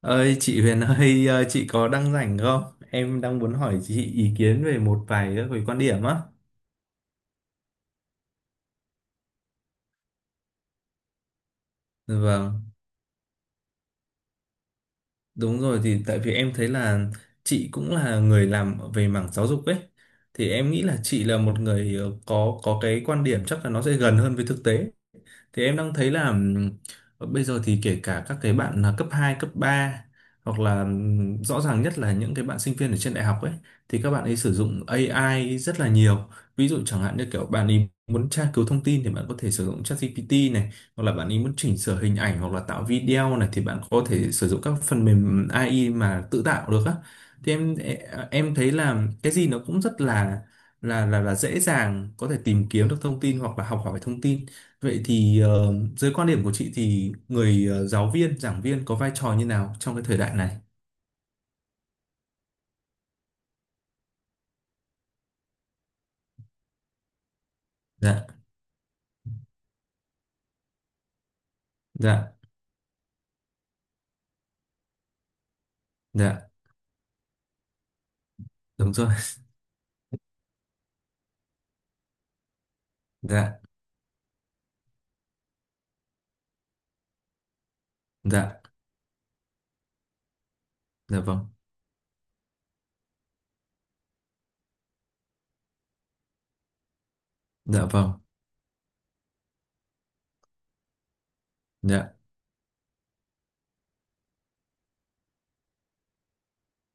Ơi chị Huyền ơi, chị có đang rảnh không? Em đang muốn hỏi chị ý kiến về một vài các cái quan điểm á. Vâng, đúng rồi, thì tại vì em thấy là chị cũng là người làm về mảng giáo dục ấy. Thì em nghĩ là chị là một người có cái quan điểm chắc là nó sẽ gần hơn với thực tế. Thì em đang thấy là, bây giờ thì kể cả các cái bạn là cấp 2 cấp 3 hoặc là, rõ ràng nhất là những cái bạn sinh viên ở trên đại học ấy, thì các bạn ấy sử dụng AI rất là nhiều. Ví dụ chẳng hạn như kiểu bạn ấy muốn tra cứu thông tin thì bạn có thể sử dụng ChatGPT này, hoặc là bạn ấy muốn chỉnh sửa hình ảnh hoặc là tạo video này thì bạn có thể sử dụng các phần mềm AI mà tự tạo được á. Thì em thấy là cái gì nó cũng rất là dễ dàng có thể tìm kiếm được thông tin hoặc là học hỏi thông tin. Vậy thì, dưới quan điểm của chị thì người, giáo viên, giảng viên có vai trò như nào trong cái thời đại này? Dạ, dạ, dạ, đúng rồi. Dạ, dạ, dạ vâng, dạ vâng, dạ,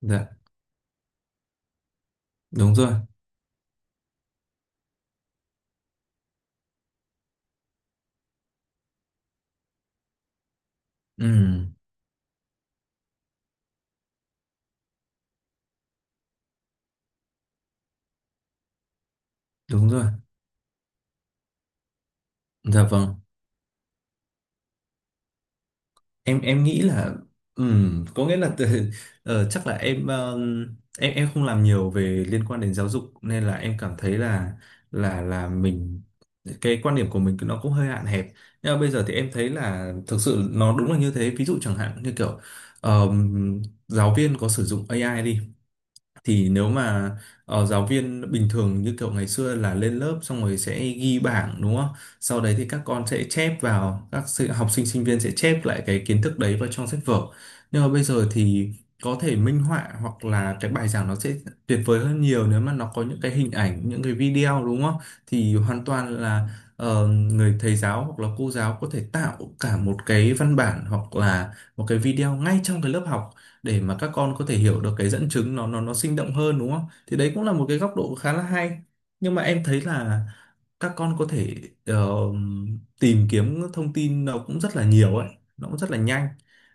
dạ, đúng rồi. Ừ, đúng rồi. Dạ vâng. Em nghĩ là, có nghĩa là từ, chắc là em, em không làm nhiều về liên quan đến giáo dục, nên là em cảm thấy là mình, cái quan điểm của mình nó cũng hơi hạn hẹp. Nhưng mà bây giờ thì em thấy là thực sự nó đúng là như thế. Ví dụ chẳng hạn như kiểu, ờm, giáo viên có sử dụng AI đi, thì nếu mà, giáo viên bình thường như kiểu ngày xưa là lên lớp xong rồi sẽ ghi bảng đúng không? Sau đấy thì các con sẽ chép vào học sinh sinh viên sẽ chép lại cái kiến thức đấy vào trong sách vở. Nhưng mà bây giờ thì có thể minh họa hoặc là cái bài giảng nó sẽ tuyệt vời hơn nhiều nếu mà nó có những cái hình ảnh, những cái video đúng không? Thì hoàn toàn là, người thầy giáo hoặc là cô giáo có thể tạo cả một cái văn bản hoặc là một cái video ngay trong cái lớp học, để mà các con có thể hiểu được cái dẫn chứng nó sinh động hơn đúng không? Thì đấy cũng là một cái góc độ khá là hay. Nhưng mà em thấy là các con có thể, ờ, tìm kiếm thông tin nó cũng rất là nhiều ấy, nó cũng rất là nhanh.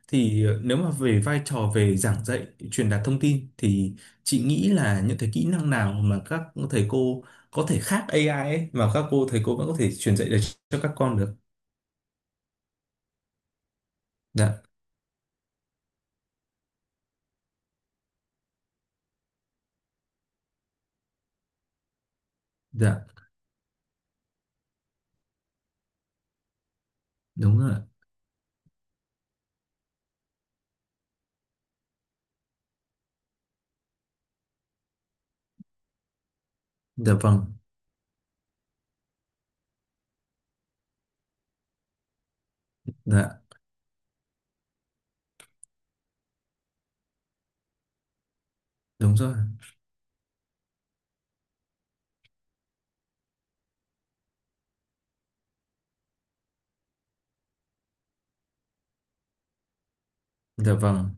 Thì, nếu mà về vai trò về giảng dạy, truyền đạt thông tin thì chị nghĩ là những cái kỹ năng nào mà các thầy cô có thể khác AI ấy, mà các cô thầy cô vẫn có thể truyền dạy được cho các con được. Dạ, dạ, đúng rồi. Dạ vâng, dạ, đúng rồi. Dạ vâng.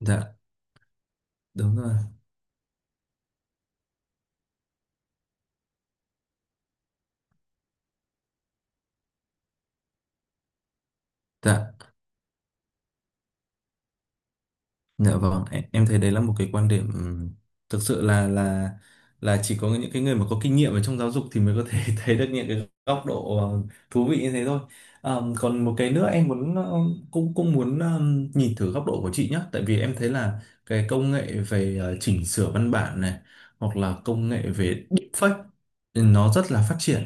Dạ. Đúng rồi. Dạ. Dạ vâng, em thấy đấy là một cái quan điểm, thực sự là chỉ có những cái người mà có kinh nghiệm ở trong giáo dục thì mới có thể thấy được những cái góc độ, thú vị như thế thôi. Còn một cái nữa em muốn, cũng cũng muốn, nhìn thử góc độ của chị nhé, tại vì em thấy là cái công nghệ về, chỉnh sửa văn bản này hoặc là công nghệ về deepfake, ừ, nó rất là phát triển,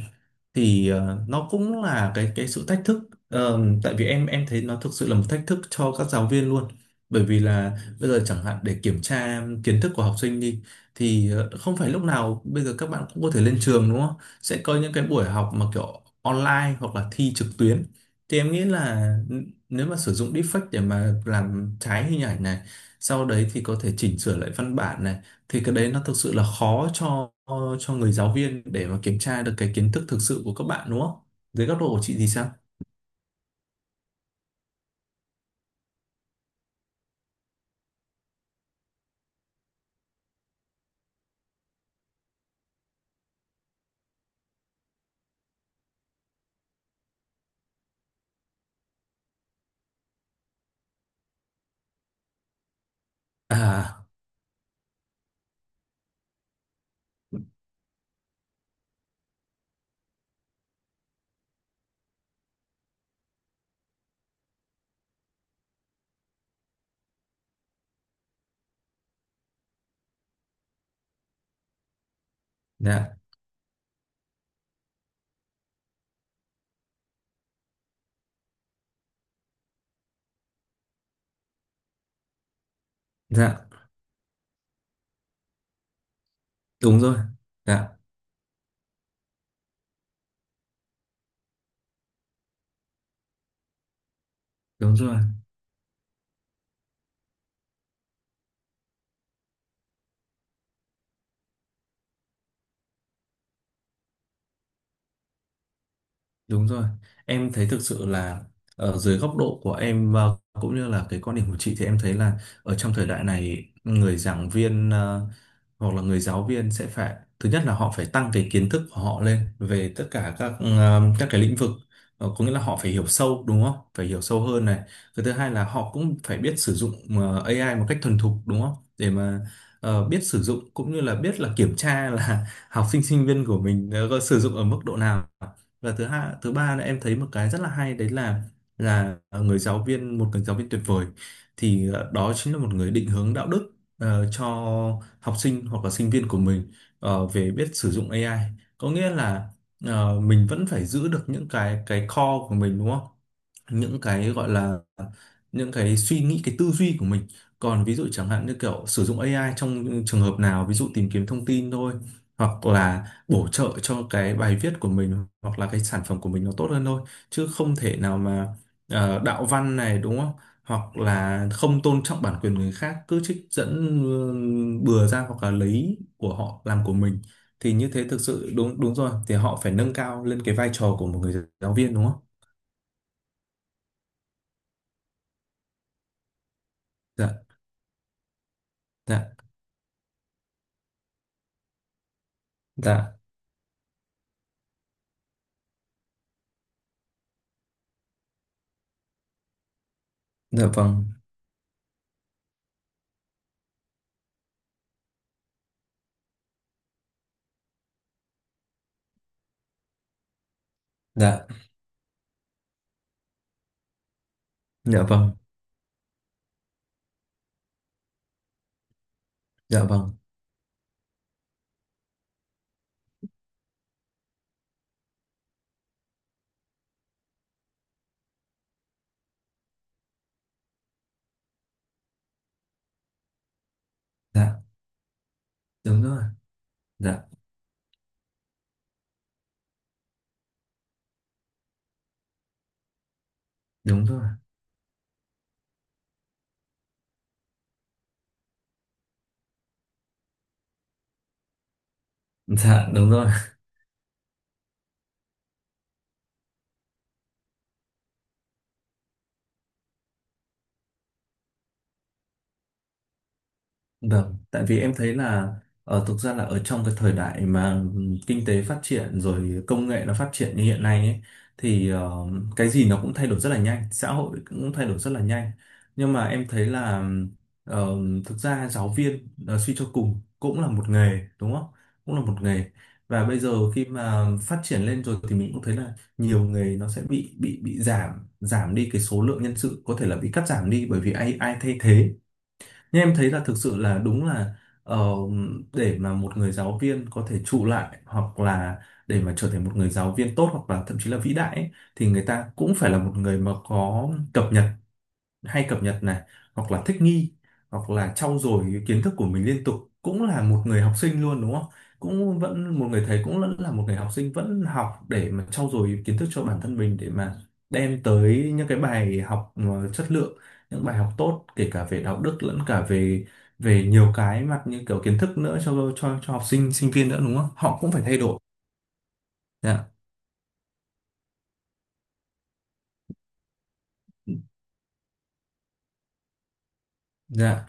thì, nó cũng là cái sự thách thức. Tại vì em thấy nó thực sự là một thách thức cho các giáo viên luôn, bởi vì là bây giờ chẳng hạn để kiểm tra kiến thức của học sinh đi, thì, không phải lúc nào bây giờ các bạn cũng có thể lên trường đúng không? Sẽ có những cái buổi học mà kiểu online hoặc là thi trực tuyến. Thì em nghĩ là nếu mà sử dụng deepfake để mà làm trái hình ảnh này, sau đấy thì có thể chỉnh sửa lại văn bản này, thì cái đấy nó thực sự là khó cho người giáo viên để mà kiểm tra được cái kiến thức thực sự của các bạn đúng không? Dưới góc độ của chị thì sao? À, dạ, dạ, đúng rồi. Dạ, đúng rồi. Đúng rồi, em thấy thực sự là ở dưới góc độ của em, và cũng như là cái quan điểm của chị, thì em thấy là ở trong thời đại này người giảng viên, hoặc là người giáo viên sẽ phải, thứ nhất là họ phải tăng cái kiến thức của họ lên về tất cả các, các cái lĩnh vực. Có nghĩa là họ phải hiểu sâu đúng không? Phải hiểu sâu hơn này. Cái thứ hai là họ cũng phải biết sử dụng, AI một cách thuần thục đúng không? Để mà, biết sử dụng cũng như là biết là kiểm tra là học sinh sinh viên của mình, có sử dụng ở mức độ nào. Và thứ hai, thứ ba là em thấy một cái rất là hay đấy là, người giáo viên, một người giáo viên tuyệt vời, thì, đó chính là một người định hướng đạo đức, cho học sinh hoặc là sinh viên của mình, về biết sử dụng AI. Có nghĩa là, mình vẫn phải giữ được những cái core của mình đúng không, những cái gọi là những cái suy nghĩ, cái tư duy của mình, còn ví dụ chẳng hạn như kiểu sử dụng AI trong trường hợp nào, ví dụ tìm kiếm thông tin thôi, hoặc là bổ trợ cho cái bài viết của mình hoặc là cái sản phẩm của mình nó tốt hơn thôi, chứ không thể nào mà, đạo văn này đúng không, hoặc là không tôn trọng bản quyền người khác, cứ trích dẫn, ừ, bừa ra, hoặc là lấy của họ làm của mình. Thì như thế thực sự đúng, đúng rồi, thì họ phải nâng cao lên cái vai trò của một người giáo viên đúng không? Dạ. Dạ. Dạ. Dạ vâng. Dạ. Dạ vâng. Dạ vâng. Dạ, đúng rồi. Dạ, đúng rồi. Dạ, đúng rồi. Vâng, tại vì em thấy là ở thực ra là ở trong cái thời đại mà, kinh tế phát triển rồi, công nghệ nó phát triển như hiện nay ấy, thì, cái gì nó cũng thay đổi rất là nhanh, xã hội cũng thay đổi rất là nhanh. Nhưng mà em thấy là, ờ, thực ra giáo viên, suy cho cùng cũng là một nghề đúng không? Cũng là một nghề. Và bây giờ khi mà phát triển lên rồi thì mình cũng thấy là nhiều nghề nó sẽ bị giảm giảm đi cái số lượng nhân sự, có thể là bị cắt giảm đi bởi vì ai ai thay thế. Nhưng em thấy là thực sự là đúng là, ờ, để mà một người giáo viên có thể trụ lại, hoặc là để mà trở thành một người giáo viên tốt, hoặc là thậm chí là vĩ đại ấy, thì người ta cũng phải là một người mà có cập nhật, hay cập nhật này, hoặc là thích nghi, hoặc là trau dồi cái kiến thức của mình liên tục, cũng là một người học sinh luôn đúng không, cũng vẫn một người thầy cũng vẫn là một người học sinh, vẫn học để mà trau dồi kiến thức cho bản thân mình, để mà đem tới những cái bài học mà chất lượng, những bài học tốt, kể cả về đạo đức lẫn cả về, về nhiều cái mặt như kiểu kiến thức nữa, cho cho học sinh sinh viên nữa đúng không, họ cũng phải thay đổi. Dạ. Dạ.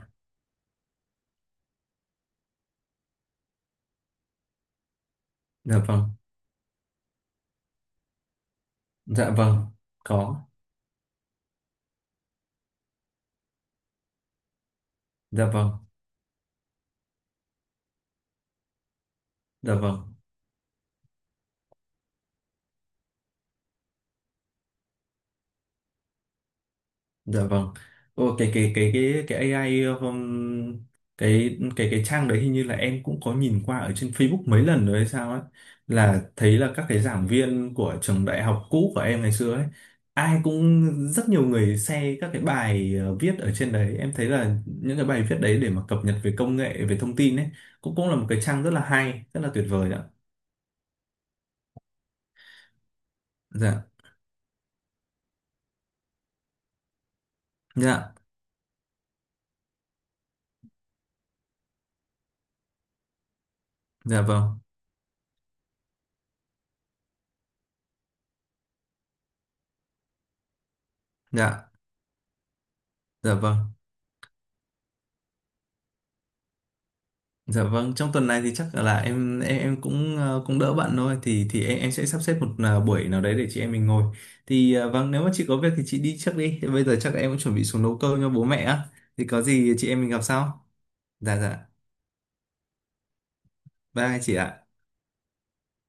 Dạ vâng. Dạ vâng. Có. Dạ vâng. Dạ vâng. Dạ vâng. Ồ, cái AI, cái trang đấy hình như là em cũng có nhìn qua ở trên Facebook mấy lần rồi hay sao ấy, là thấy là các cái giảng viên của trường đại học cũ của em ngày xưa ấy, ai cũng, rất nhiều người share các cái bài, viết ở trên đấy, em thấy là những cái bài viết đấy để mà cập nhật về công nghệ, về thông tin ấy, cũng cũng là một cái trang rất là hay, rất là tuyệt vời ạ. Dạ. Dạ. Dạ vâng. Dạ. Dạ vâng. Dạ vâng, trong tuần này thì chắc là em cũng, cũng đỡ bạn thôi, thì em sẽ sắp xếp một, buổi nào đấy để chị em mình ngồi. Thì, vâng, nếu mà chị có việc thì chị đi trước đi. Bây giờ chắc em cũng chuẩn bị xuống nấu cơm cho bố mẹ á. Thì có gì chị em mình gặp sau. Dạ, dạ. Bye chị ạ.